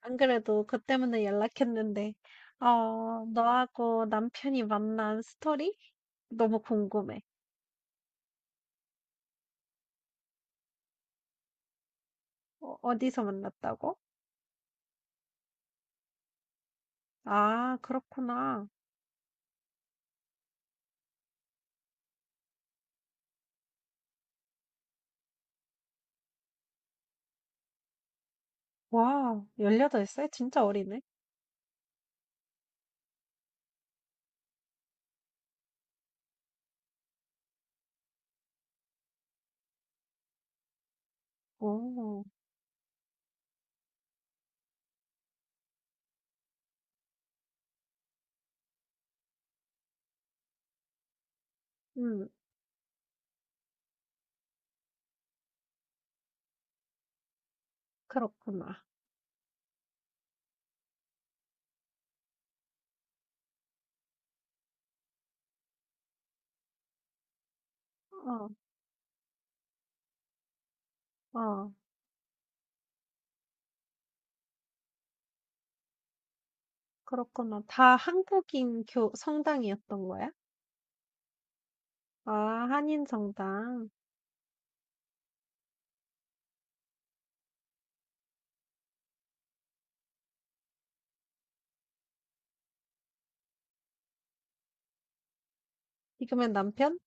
안 그래도 그 때문에 연락했는데, 너하고 남편이 만난 스토리? 너무 궁금해. 어디서 만났다고? 아, 그렇구나. 와, 18살? 진짜 어리네. 오. 음. 그렇구나. 어, 어, 그렇구나. 다 한국인 교, 성당이었던 거야? 아, 한인 성당. 지금의 남편?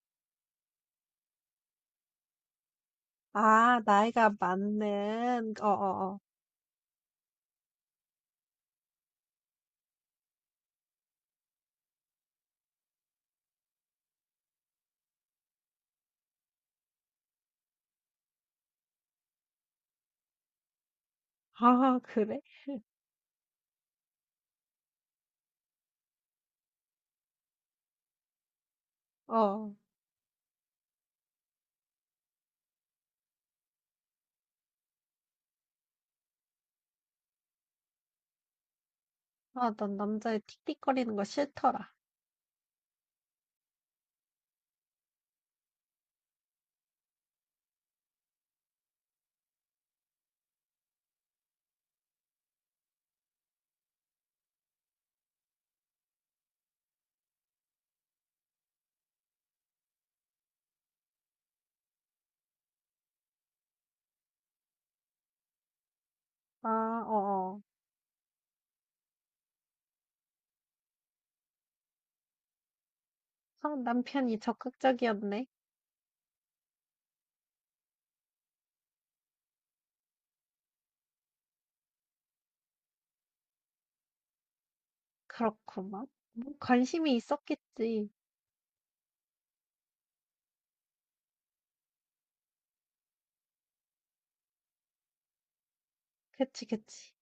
아, 나이가 많은, 어어어. 아, 그래? 어. 아, 난 남자의 틱틱거리는 거 싫더라. 아, 어어. 아, 남편이 적극적이었네. 그렇구만. 뭐 관심이 있었겠지. 그치, 그치.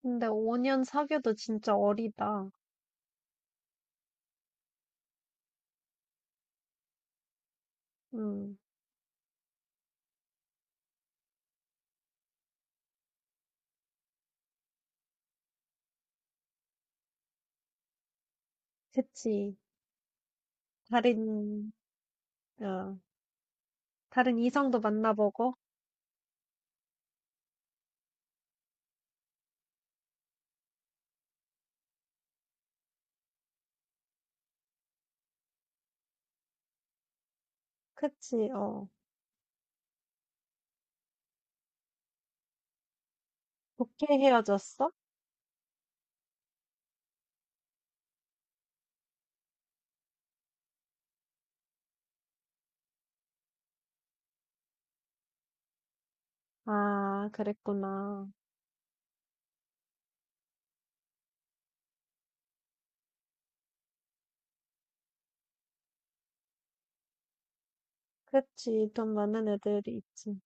근데 5년 사귀어도 진짜 어리다. 음. 그치. 다른, 어, 다른 이성도 만나보고. 그치, 어. 좋게 헤어졌어? 아, 그랬구나. 그치, 돈 많은 애들이 있지.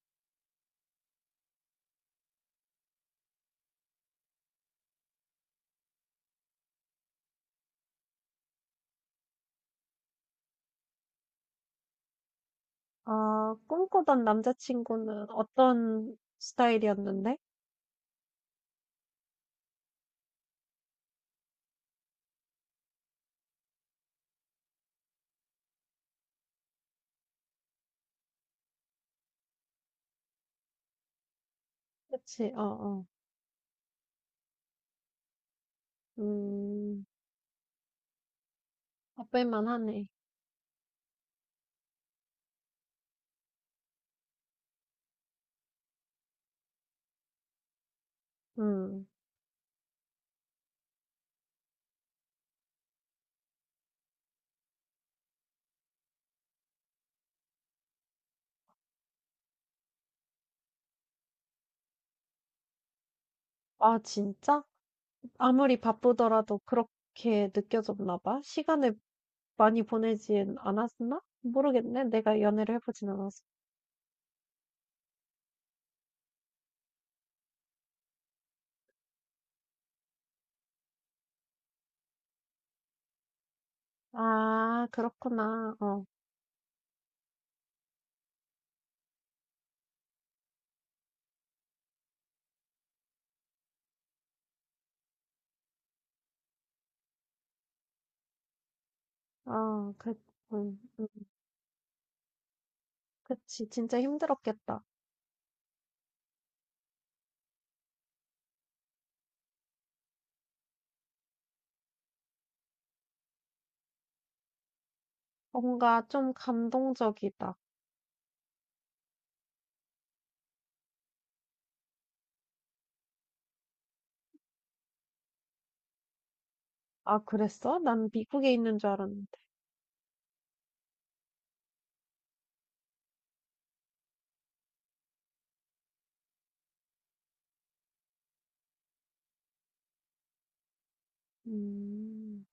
아, 꿈꾸던 남자친구는 어떤 스타일이었는데? 그치, 어, 어. 음, 바쁠만 하네. 음. 아, 진짜? 아무리 바쁘더라도 그렇게 느껴졌나 봐? 시간을 많이 보내진 않았나? 모르겠네. 내가 연애를 해보진 않았어. 아, 그렇구나. 어, 그, 음, 음, 그치. 진짜 힘들었겠다. 뭔가 좀 감동적이다. 아, 그랬어? 난 미국에 있는 줄 알았는데. 음.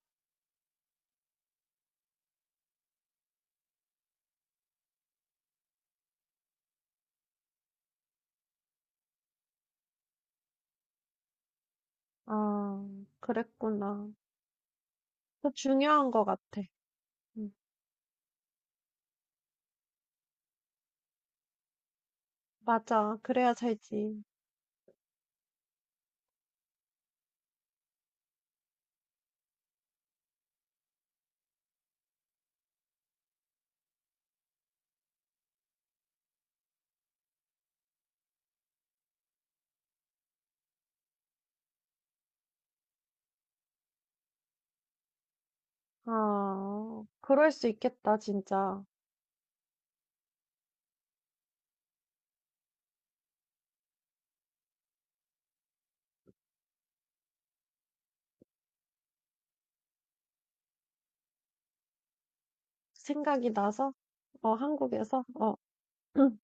아, 그랬구나. 그 중요한 것 같아. 음. 맞아. 그래야 살지. 아, 그럴 수 있겠다, 진짜. 생각이 나서, 어, 한국에서, 어,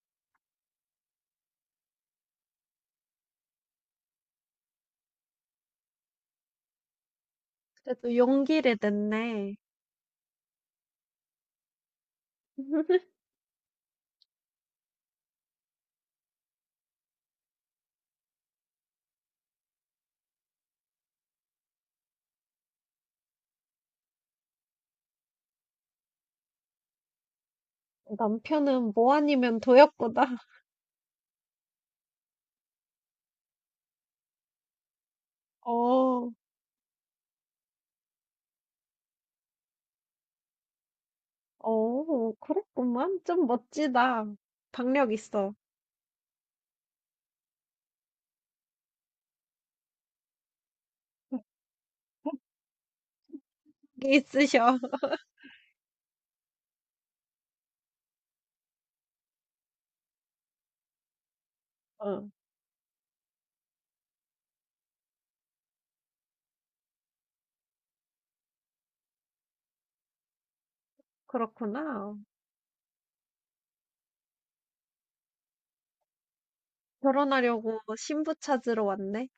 그래도 용기를 냈네. 남편은 뭐 아니면 도였구나. 어, 그렇구만. 좀 멋지다. 박력 있어. 용기 있으셔. 어, 그렇구나. 결혼하려고 신부 찾으러 왔네.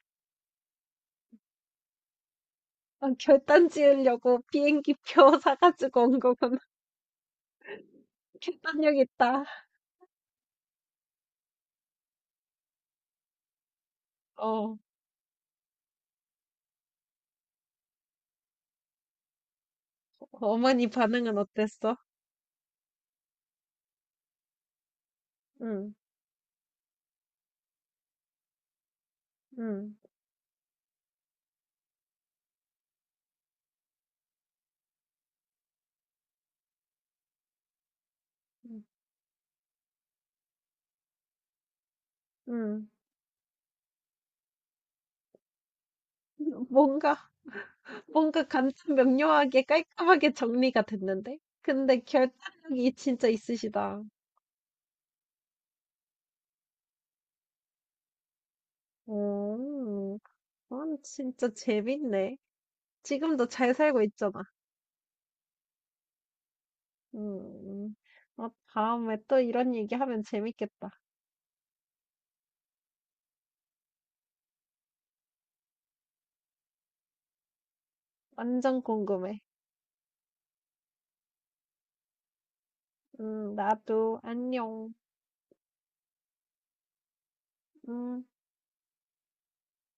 아, 결단 지으려고 비행기표 사가지고 온 거구나. 결단력 있다. 어. 어머니 반응은 어땠어? 응, 응, 응, 응. 뭔가, 뭔가 간단 명료하게 깔끔하게 정리가 됐는데? 근데 결단력이 진짜 있으시다. 오. 그건 진짜 재밌네. 지금도 잘 살고 있잖아. 음, 어, 다음에 또 이런 얘기 하면 재밌겠다. 완전 궁금해. 나도 안녕. 음.